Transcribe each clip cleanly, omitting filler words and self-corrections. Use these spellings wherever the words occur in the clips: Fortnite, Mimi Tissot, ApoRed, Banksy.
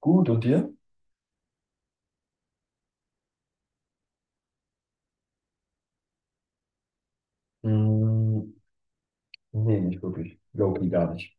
Gut, und dir? Mm, nee, nicht wirklich. Loki gar nicht.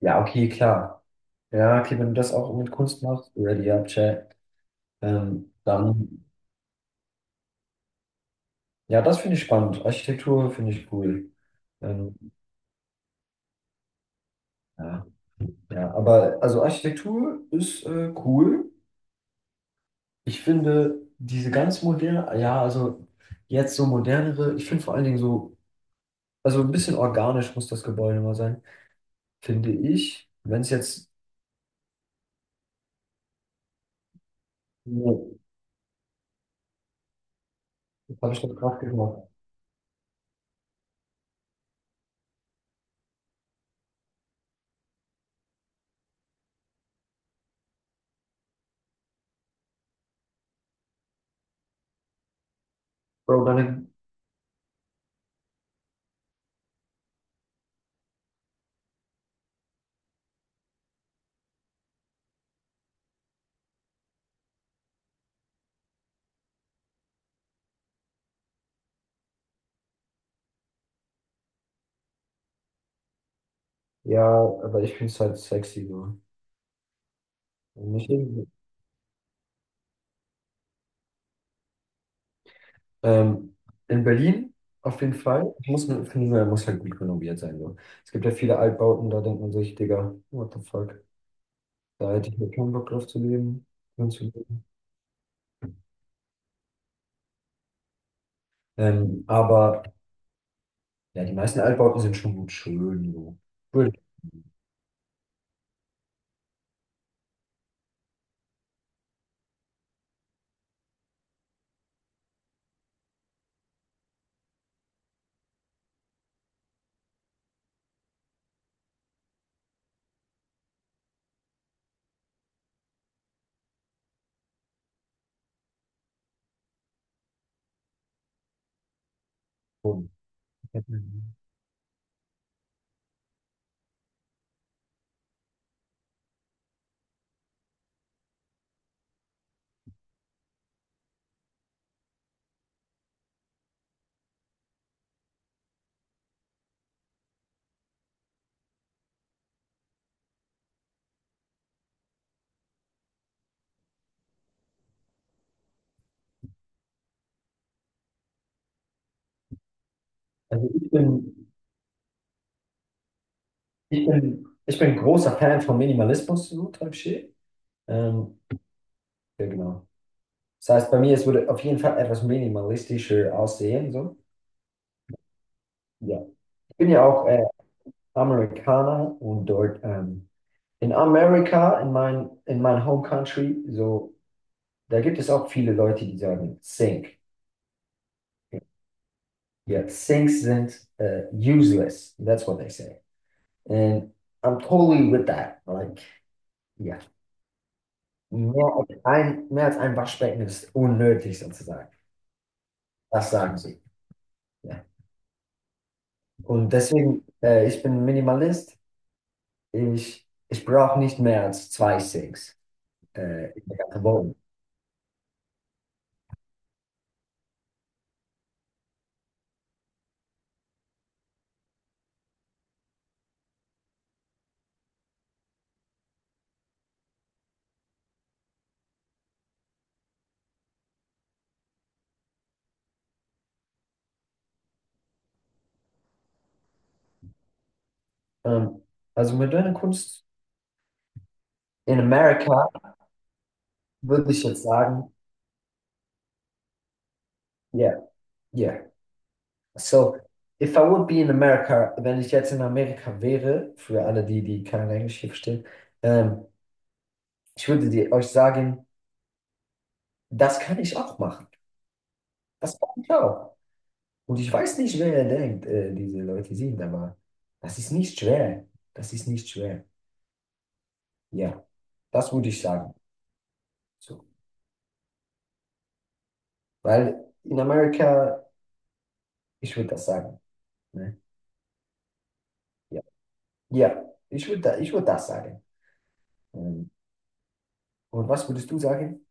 Ja, okay, klar. Ja, okay, wenn du das auch mit Kunst machst, ready up, chat. Ähm, dann, ja, das finde ich spannend. Architektur finde ich cool. Ähm, ja, ja, aber also Architektur ist cool. Ich finde diese ganz moderne, ja, also jetzt so modernere, ich finde vor allen Dingen so, also ein bisschen organisch muss das Gebäude mal sein, finde ich. Wenn es jetzt, Was habe ich das gerade gesagt? Bro, deine, ja, aber ich finde es halt sexy so. Nicht irgendwie- ähm, in Berlin auf jeden Fall. Finde nur, er muss halt gut renoviert sein. So. Es gibt ja viele Altbauten, da denkt man sich, Digga, what the fuck? Da hätte ich mir keinen Bock drauf zu leben, drin zu leben. Aber ja, die meisten Altbauten sind schon gut schön. So. Schön. Also ich bin großer Fan von Minimalismus, so Type Shit. Ähm, ja, genau. Das heißt, bei mir, es würde auf jeden Fall etwas minimalistischer aussehen. So. Ja. Ich bin ja auch Amerikaner und dort in Amerika, in mein Home Country, so, da gibt es auch viele Leute, die sagen Sink. Yeah, sinks sind useless. That's what they say. And I'm totally with that. Like, yeah. Mehr als ein Waschbecken ist unnötig sozusagen. Das sagen sie. Ja. Und deswegen, ich bin Minimalist. Ich brauche nicht mehr als zwei Sinks in der ganzen Wohnung. Ähm, also moderne Kunst in Amerika würde ich jetzt sagen, yeah, yeah. So, if I would be in America, wenn ich jetzt in Amerika wäre, für alle die, die kein Englisch hier verstehen, ähm, ich würde dir euch sagen, das kann ich auch machen. Das kann ich auch. Und ich weiß nicht, wer ihr denkt, diese Leute sind, aber das ist nicht schwer. Das ist nicht schwer. Ja, das würde ich sagen. So. Weil in Amerika, ich würde das sagen. Ne? Ja, ja ich würd das sagen. Ähm, Und was würdest du sagen?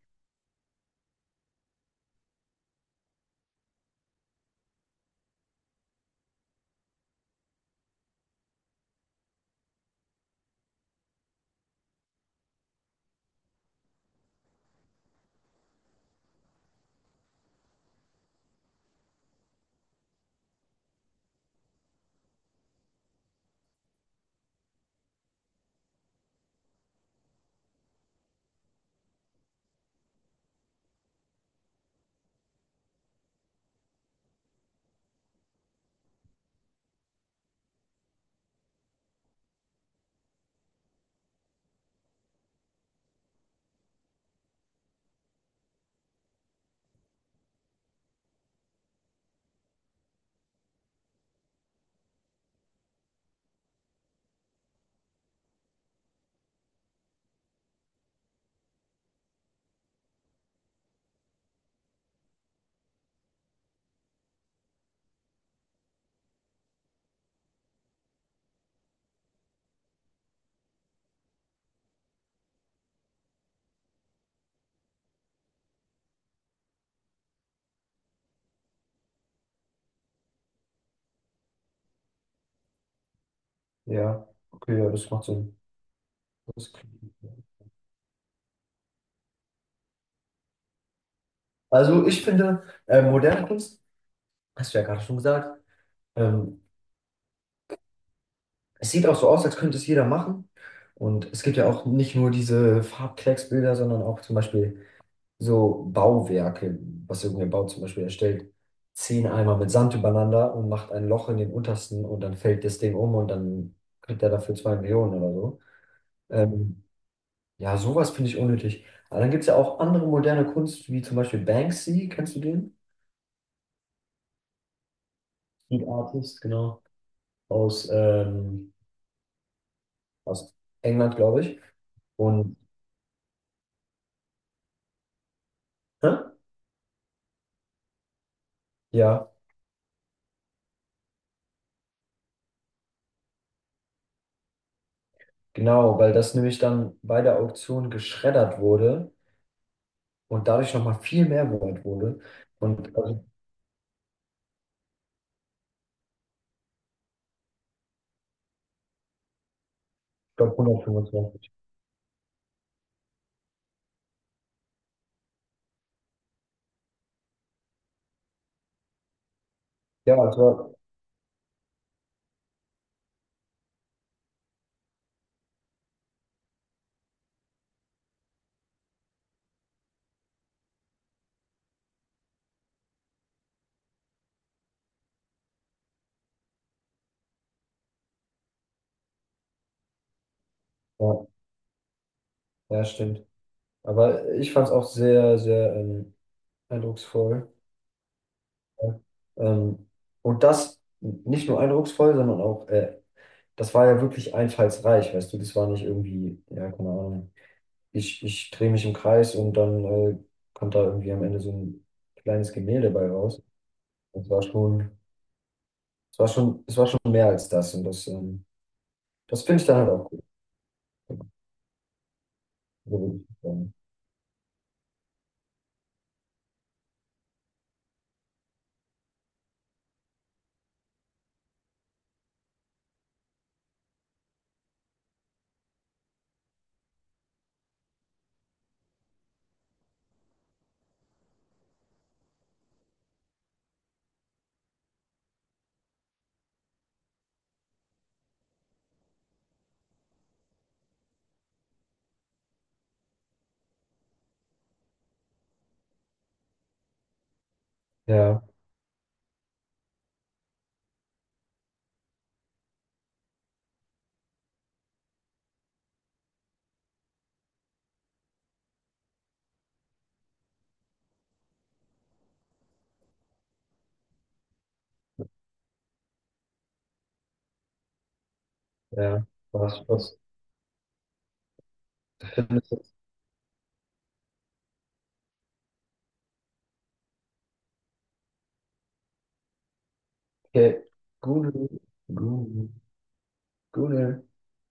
Ja, okay, ja, das macht Sinn. Das klingt- Also ich finde, moderne Kunst, hast du ja gerade schon gesagt, ähm, es sieht auch so aus, als könnte es jeder machen. Und es gibt ja auch nicht nur diese Farbklecksbilder, sondern auch zum Beispiel so Bauwerke, was irgendein Bau zum Beispiel erstellt, 10 Eimer mit Sand übereinander und macht ein Loch in den untersten und dann fällt das Ding um und dann kriegt er dafür zwei Millionen oder so. Ähm, ja, sowas finde ich unnötig. Aber dann gibt es ja auch andere moderne Kunst, wie zum Beispiel Banksy, kennst du den? Street Artist, genau. Aus, ähm, aus England, glaube ich. Und Hä? Ja, genau, weil das nämlich dann bei der Auktion geschreddert wurde und dadurch nochmal viel mehr wert wurde. Und also Ich glaube 125. Ja, es war, ja, ja, stimmt. Aber ich fand es auch sehr, sehr eindrucksvoll. Ja. Ähm, und das nicht nur eindrucksvoll, sondern auch, das war ja wirklich einfallsreich, weißt du, das war nicht irgendwie, ja, keine Ahnung, ich drehe mich im Kreis und dann kommt da irgendwie am Ende so ein kleines Gemälde bei raus. Das war schon, es war schon, es war schon mehr als das und das, das finde ich dann halt auch gut. So würde ich sagen. Ja, ja. Was findest du? Okay. Google, Google, Google.